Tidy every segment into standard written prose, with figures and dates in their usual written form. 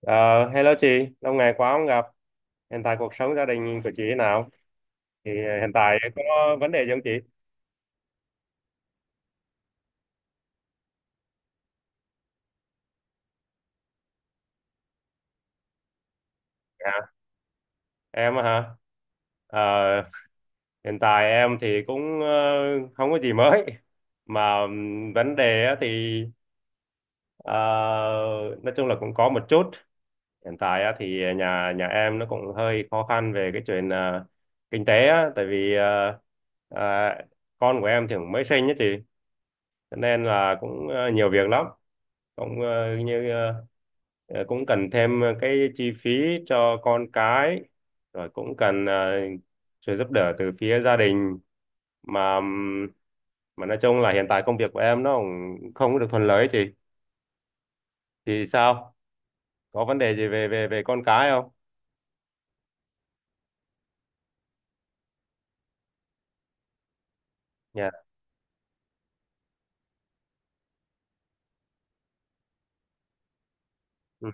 Ờ, Hello chị, lâu ngày quá không gặp. Hiện tại cuộc sống gia đình của chị thế nào? Thì hiện tại có vấn đề gì không chị? À, em á hả? Ờ, Hiện tại em thì cũng không có gì mới. Mà vấn đề á thì ờ, nói chung là cũng có một chút. Hiện tại á thì nhà nhà em nó cũng hơi khó khăn về cái chuyện kinh tế á, tại vì ờ, con của em thì cũng mới sinh á chị, cho nên là cũng nhiều việc lắm, cũng cũng cần thêm cái chi phí cho con cái, rồi cũng cần sự giúp đỡ từ phía gia đình. Mà mà nói chung là hiện tại công việc của em nó cũng không có được thuận lợi ấy chị. Thì sao, có vấn đề gì về về về con cái không? Dạ. Ừ,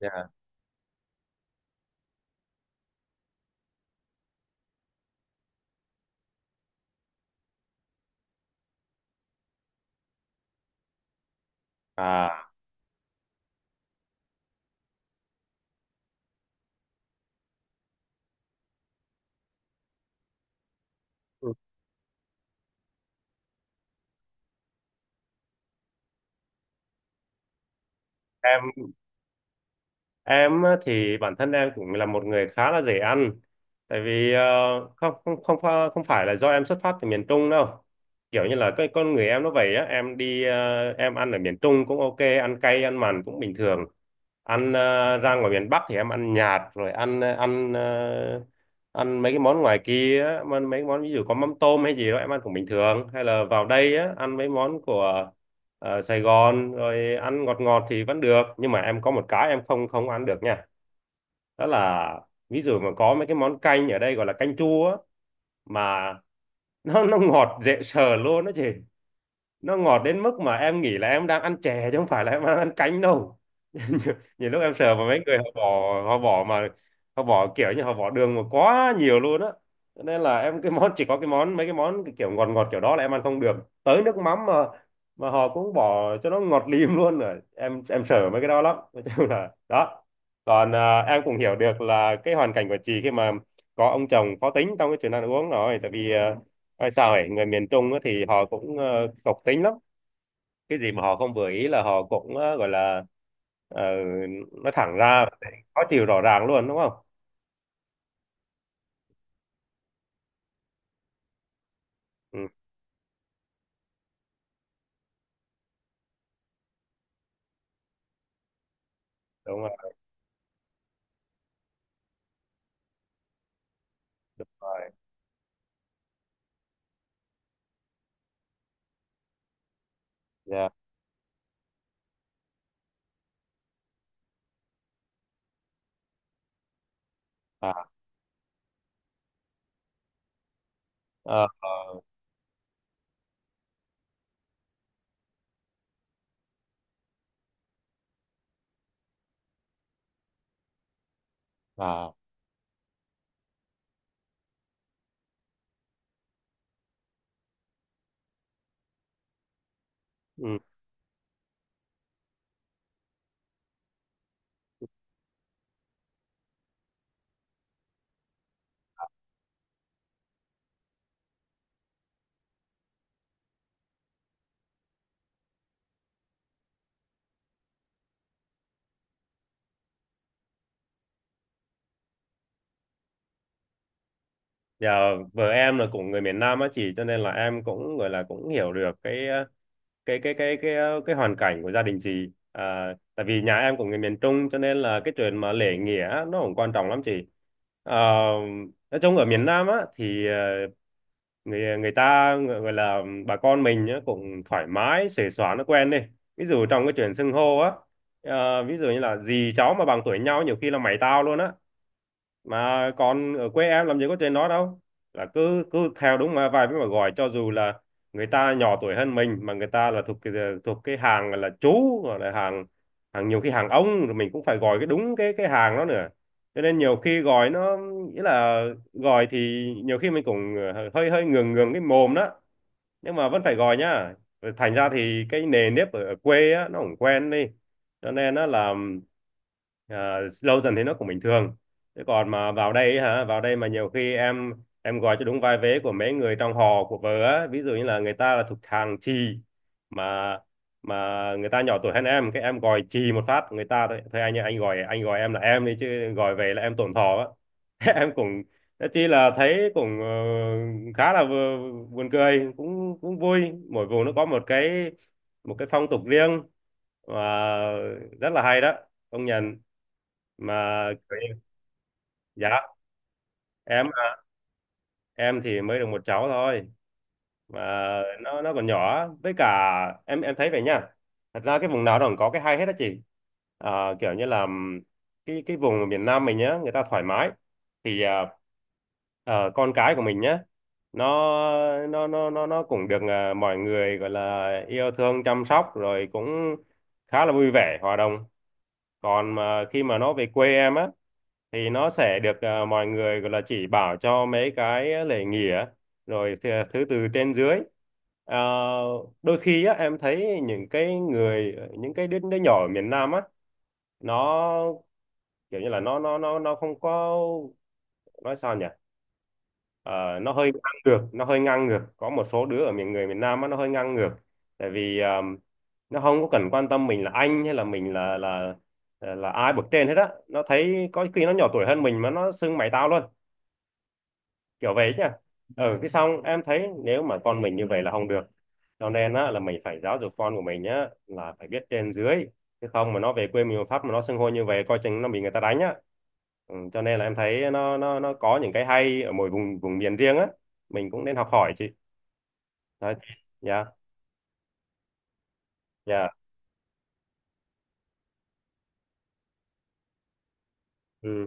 dạ. À, ừ. Em Em á, thì bản thân em cũng là một người khá là dễ ăn. Tại vì ờ, không không không pha- không phải là do em xuất phát từ miền Trung đâu. Kiểu như là cái con người em nó vậy á, em đi em ăn ở miền Trung cũng ok, ăn cay ăn mặn cũng bình thường. Ăn ra ngoài miền Bắc thì em ăn nhạt, rồi ăn ăn mấy cái món ngoài kia á, mà ăn mấy cái món ví dụ có mắm tôm hay gì đó em ăn cũng bình thường, hay là vào đây á, ăn mấy món của Sài Gòn rồi ăn ngọt ngọt thì vẫn được, nhưng mà em có một cái em không không ăn được nha, đó là ví dụ mà có mấy cái món canh ở đây gọi là canh chua á, mà nó ngọt dễ sợ luôn đó chị, nó ngọt đến mức mà em nghĩ là em đang ăn chè chứ không phải là em đang ăn canh đâu. Nhiều, lúc em sờ vào mấy người họ bỏ, họ bỏ mà họ bỏ kiểu như họ bỏ đường mà quá nhiều luôn á. Cho nên là em cái món, chỉ có cái món mấy cái món cái kiểu ngọt ngọt kiểu đó là em ăn không được, tới nước mắm mà họ cũng bỏ cho nó ngọt lim luôn, rồi em sợ mấy cái đó lắm, nói chung là đó. Còn à, em cũng hiểu được là cái hoàn cảnh của chị khi mà có ông chồng khó tính trong cái chuyện ăn uống, rồi tại vì à, nói sao ấy, người miền Trung á thì họ cũng cộc tính lắm, cái gì mà họ không vừa ý là họ cũng gọi là ờ, nói thẳng ra, khó chịu rõ ràng luôn đúng không? Ừ, đúng rồi. Đúng rồi. Dạ. À, ờ, ờ, à, ừ. Dạ, vợ em là cũng người miền Nam á chị, cho nên là em cũng gọi là cũng hiểu được cái cái hoàn cảnh của gia đình chị. À, tại vì nhà em cũng người miền Trung, cho nên là cái chuyện mà lễ nghĩa nó cũng quan trọng lắm chị. À, nói chung ở miền Nam á thì người người ta gọi gọi là bà con mình á, cũng thoải mái xuề xóa nó quen đi. Ví dụ trong cái chuyện xưng hô á, ví dụ như là dì cháu mà bằng tuổi nhau nhiều khi là mày tao luôn á, mà còn ở quê em làm gì có chuyện đó đâu, là cứ cứ theo đúng mà vài với mà gọi, cho dù là người ta nhỏ tuổi hơn mình mà người ta là thuộc cái hàng là chú hoặc là hàng hàng nhiều khi hàng ông, rồi mình cũng phải gọi cái đúng cái hàng đó nữa, cho nên nhiều khi gọi nó, nghĩa là gọi thì nhiều khi mình cũng hơi hơi ngượng ngượng cái mồm đó, nhưng mà vẫn phải gọi nhá. Rồi thành ra thì cái nề nếp ở, ở quê á, nó cũng quen đi, cho nên nó là, à, lâu dần thì nó cũng bình thường. Thế còn mà vào đây ấy hả, vào đây mà nhiều khi em gọi cho đúng vai vế của mấy người trong họ của vợ á, ví dụ như là người ta là thuộc hàng chì, mà mà người ta nhỏ tuổi hơn em, cái em gọi chì một phát người ta, thôi thôi anh ơi, anh gọi em là em đi chứ gọi về là em tổn thọ á. Thế em cũng, thế chi là thấy cũng khá là buồn cười, cũng cũng vui, mỗi vùng nó có một cái phong tục riêng, và rất là hay đó, công nhận. Mà dạ, em em thì mới được một cháu thôi, mà nó còn nhỏ với cả em thấy vậy nha, thật ra cái vùng nào nó cũng có cái hay hết á chị. À, kiểu như là cái vùng ở miền Nam mình nhá, người ta thoải mái thì à, con cái của mình nhá, nó nó cũng được à, mọi người gọi là yêu thương chăm sóc, rồi cũng khá là vui vẻ hòa đồng. Còn mà khi mà nó về quê em á, thì nó sẽ được à, mọi người gọi là chỉ bảo cho mấy cái lễ nghĩa, rồi thì, thứ từ trên dưới. Ờ, đôi khi á, em thấy những cái người, những cái đứa, đứa nhỏ ở miền Nam á, nó kiểu như là nó không có, nói sao nhỉ. Ờ, nó hơi ngang ngược, nó hơi ngang ngược, có một số đứa ở miền người miền Nam á, nó hơi ngang ngược, tại vì à, nó không có cần quan tâm mình là anh hay là mình là là ai bậc trên hết á, nó thấy có khi nó nhỏ tuổi hơn mình mà nó xưng mày tao luôn, kiểu vậy nhá. Ừ, cái xong em thấy nếu mà con mình như vậy là không được, cho nên á là mình phải giáo dục con của mình nhá là phải biết trên dưới, chứ không mà nó về quê mình mà Pháp mà nó xưng hô như vậy coi chừng nó bị người ta đánh á. Ừ, cho nên là em thấy nó có những cái hay ở mỗi vùng vùng miền riêng á, mình cũng nên học hỏi chị. Đó. Dạ. Dạ. Ừ.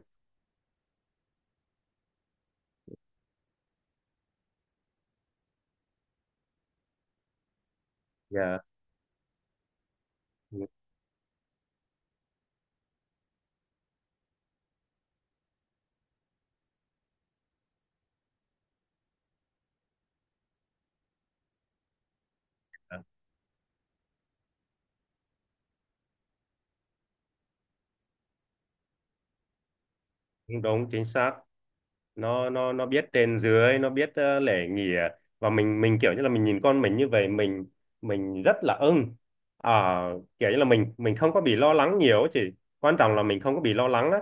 Dạ. Ừ, dạ. Đúng đúng, chính xác, nó biết trên dưới, nó biết lễ nghi à. Và mình kiểu như là mình nhìn con mình như vậy mình rất là ưng. À, kiểu như là mình không có bị lo lắng nhiều ấy chị, quan trọng là mình không có bị lo lắng á.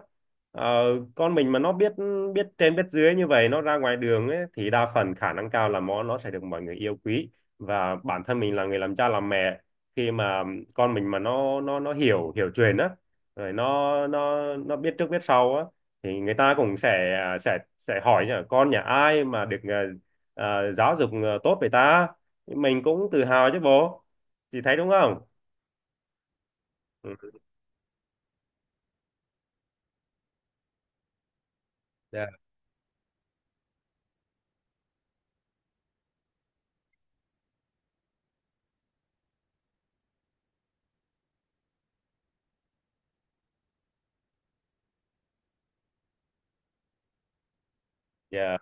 Ờ, con mình mà nó biết, biết trên biết dưới như vậy, nó ra ngoài đường ấy, thì đa phần khả năng cao là nó sẽ được mọi người yêu quý, và bản thân mình là người làm cha làm mẹ, khi mà con mình mà nó hiểu, hiểu chuyện á, rồi nó biết trước biết sau á, thì người ta cũng sẽ à, sẽ hỏi nhỉ, con nhà ai mà được giáo dục tốt vậy ta, mình cũng tự hào chứ bố, chị thấy đúng không? Ừ. Dạ. Dạ.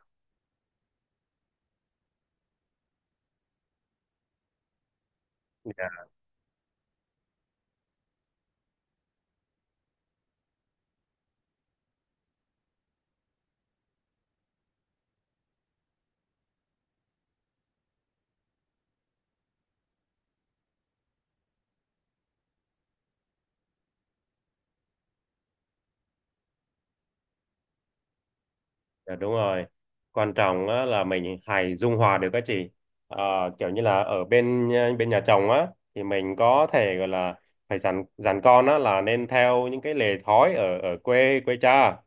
Dạ đúng rồi. Quan trọng á, là mình hãy dung hòa được các chị. Ờ, kiểu như là ở bên bên nhà chồng á, thì mình có thể gọi là phải dặn dặn con á là nên theo những cái lề thói ở ở quê quê cha.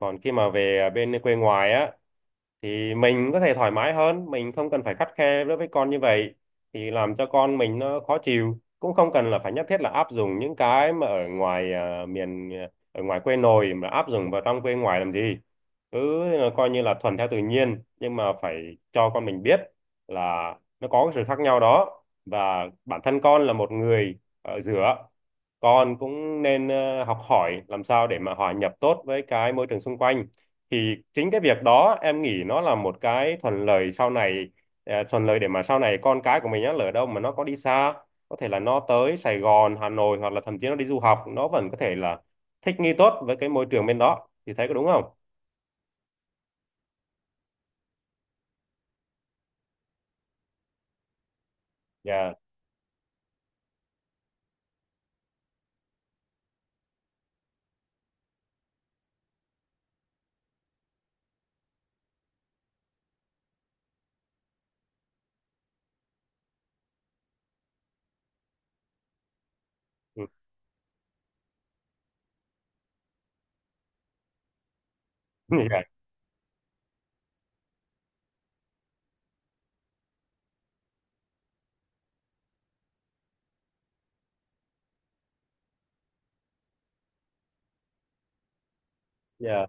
Còn khi mà về bên quê ngoài á, thì mình có thể thoải mái hơn, mình không cần phải khắt khe đối với con như vậy thì làm cho con mình nó khó chịu, cũng không cần là phải nhất thiết là áp dụng những cái mà ở ngoài à, miền ở ngoài quê nội mà áp dụng vào trong quê ngoài làm gì, cứ coi như là thuần theo tự nhiên, nhưng mà phải cho con mình biết là nó có cái sự khác nhau đó, và bản thân con là một người ở giữa, con cũng nên học hỏi làm sao để mà hòa nhập tốt với cái môi trường xung quanh, thì chính cái việc đó em nghĩ nó là một cái thuận lợi sau này. Ờ, thuận lợi để mà sau này con cái của mình á lỡ đâu mà nó có đi xa, có thể là nó tới Sài Gòn, Hà Nội, hoặc là thậm chí nó đi du học, nó vẫn có thể là thích nghi tốt với cái môi trường bên đó, thì thấy có đúng không? Dạ. Ừ. Dạ. Dạ.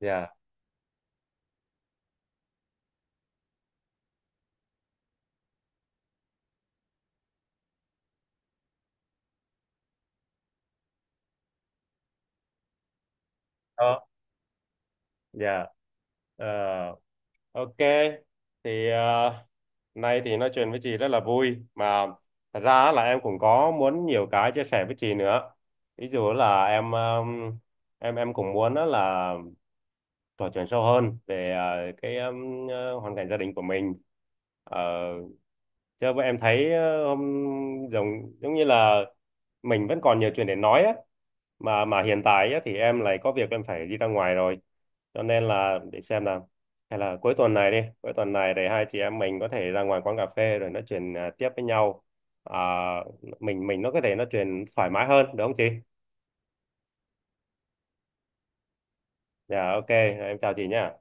Dạ. Đó. Dạ. Ờ, ok, thì nay thì nói chuyện với chị rất là vui, mà thật ra á là em cũng có muốn nhiều cái chia sẻ với chị nữa, ví dụ là em em cũng muốn á là trò chuyện sâu hơn về cái hoàn cảnh gia đình của mình. Ờ, chứ em thấy ờ, hôm giống giống như là mình vẫn còn nhiều chuyện để nói á, mà hiện tại á, thì em lại có việc em phải đi ra ngoài rồi, cho nên là để xem là, hay là cuối tuần này đi, cuối tuần này để hai chị em mình có thể ra ngoài quán cà phê rồi nói chuyện à, tiếp với nhau, à, mình nó có thể nói chuyện thoải mái hơn đúng không chị? Dạ ok, em chào chị nhé.